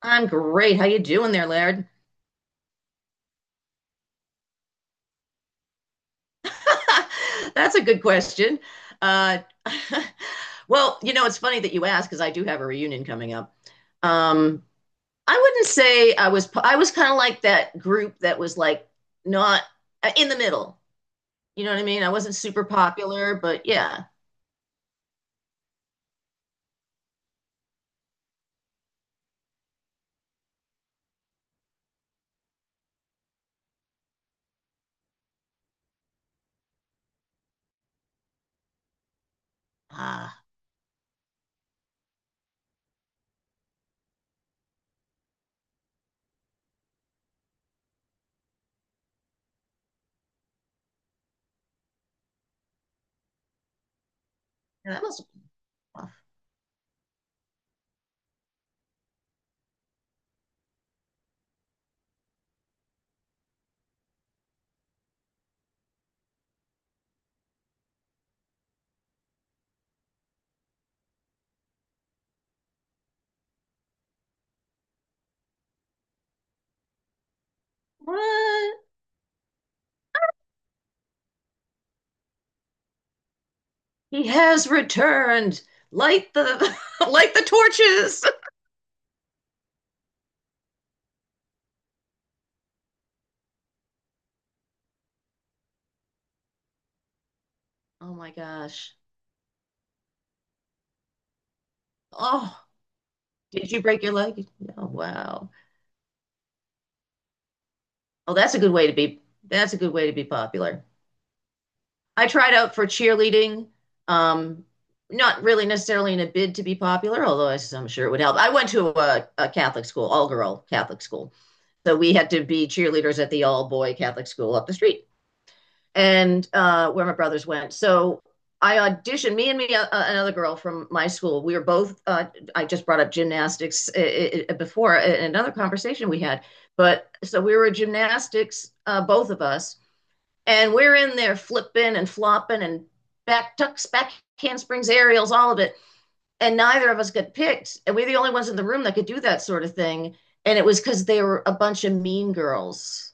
I'm great. How you doing there, Laird? That's a good question. Uh, well, you know, it's funny that you ask because I do have a reunion coming up. Um, I wouldn't say I was. I was kind of like that group that was like not in the middle. You know what I mean? I wasn't super popular, but yeah. Ah, yeah, that must have been. What? He has returned. Light the light the torches. Oh my gosh. Oh. Did you break your leg? Oh, wow. Oh, that's a good way to be. That's a good way to be popular. I tried out for cheerleading. Um, Not really necessarily in a bid to be popular, although I am sure it would help. I went to a Catholic school, all girl Catholic school. So we had to be cheerleaders at the all boy Catholic school up the street, and where my brothers went. So I auditioned. Me and me another girl from my school. We were both. I just brought up gymnastics before in another conversation we had. But so we were gymnastics, both of us, and we're in there flipping and flopping and back tucks, back handsprings, aerials, all of it. And neither of us got picked. And we're the only ones in the room that could do that sort of thing. And it was because they were a bunch of mean girls.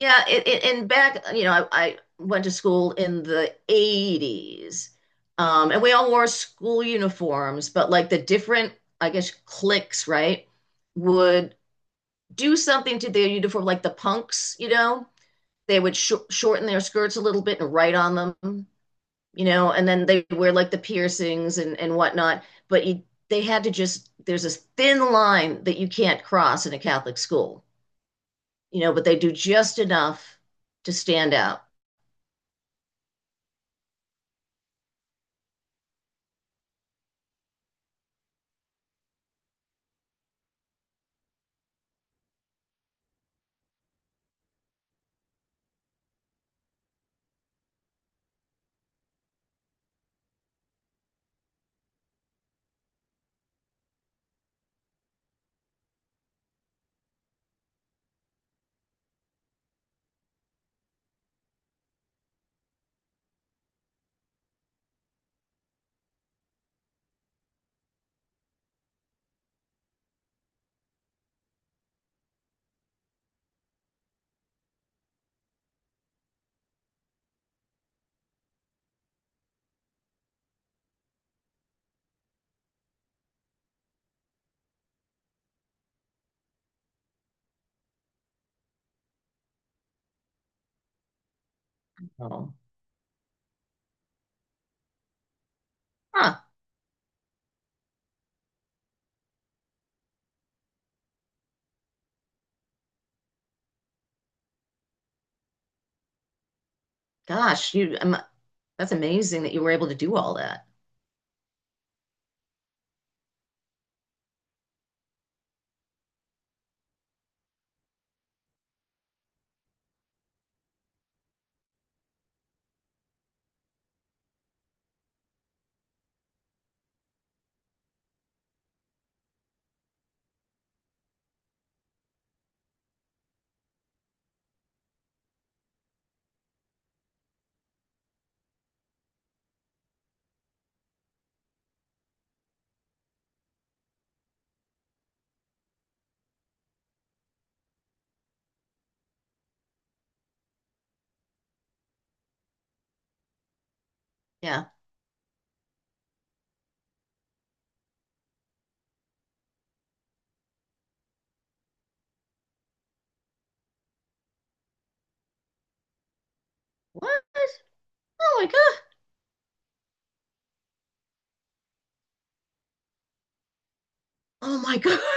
Yeah, and back, you know, I went to school in the 80s. And we all wore school uniforms, but like the different, I guess, cliques, right, would do something to their uniform, like the punks, you know, they would sh shorten their skirts a little bit and write on them, you know, and then they wear like the piercings and whatnot. But you, they had to just, there's this thin line that you can't cross in a Catholic school, you know, but they do just enough to stand out. Oh. Huh. Gosh, you that's amazing that you were able to do all that. Yeah. What? Oh my God. Oh my God.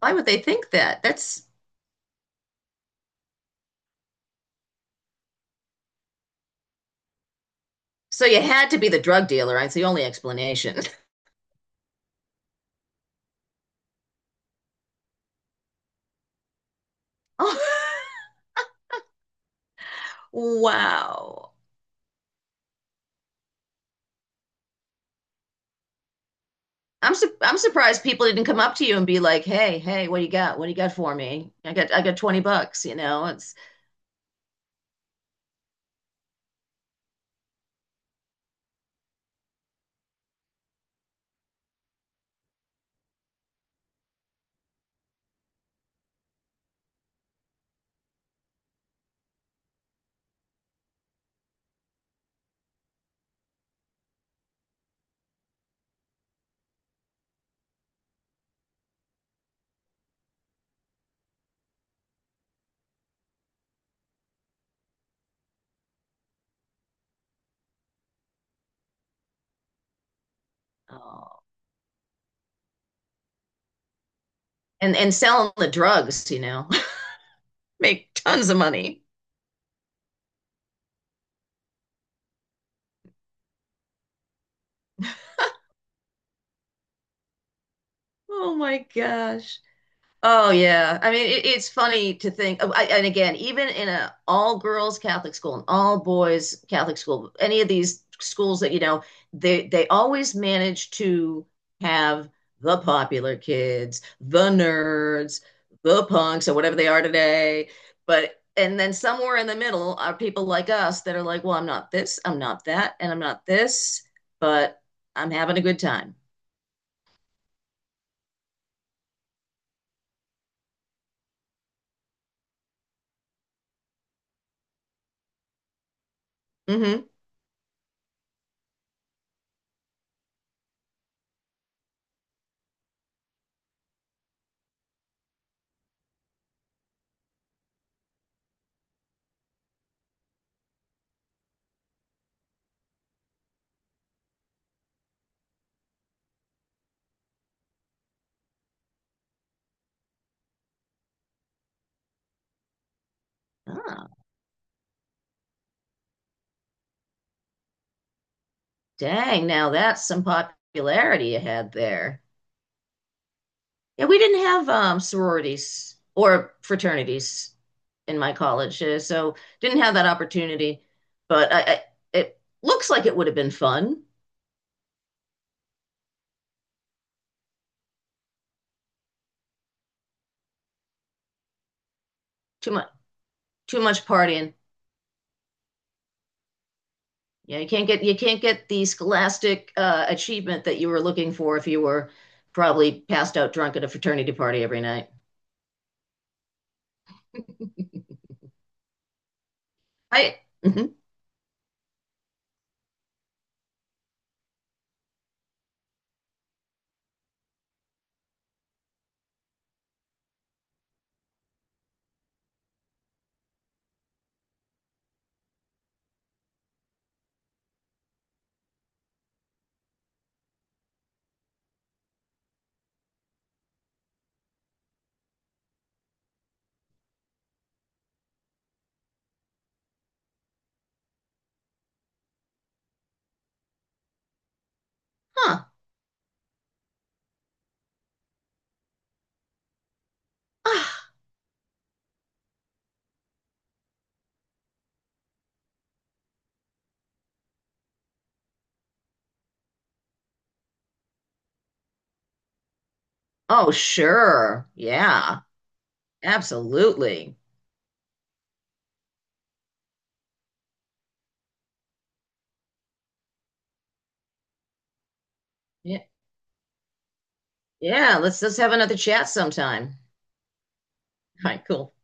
Why would they think that? That's— so you had to be the drug dealer, right? It's the only explanation. Oh, wow. I'm surprised people didn't come up to you and be like, "Hey, hey, what do you got? What do you got for me? I got 20 bucks, you know." It's— oh. And selling the drugs, you know. Make tons of money. Oh my gosh. Oh yeah. I mean, it's funny to think, oh, I, and again, even in a all girls Catholic school and all boys Catholic school, any of these schools that, you know, they always manage to have the popular kids, the nerds, the punks, or whatever they are today. But and then somewhere in the middle are people like us that are like, well, I'm not this, I'm not that, and I'm not this, but I'm having a good time. Mm-hmm. Ah. Dang, now that's some popularity you had there. Yeah, we didn't have sororities or fraternities in my college, so didn't have that opportunity. But it looks like it would have been fun. Too much, too much partying. Yeah, you can't get the scholastic achievement that you were looking for if you were probably passed out drunk at a fraternity party every night. I— mhm. Huh? Ah. Oh, sure. Yeah, absolutely. Yeah, let's have another chat sometime. All right, cool.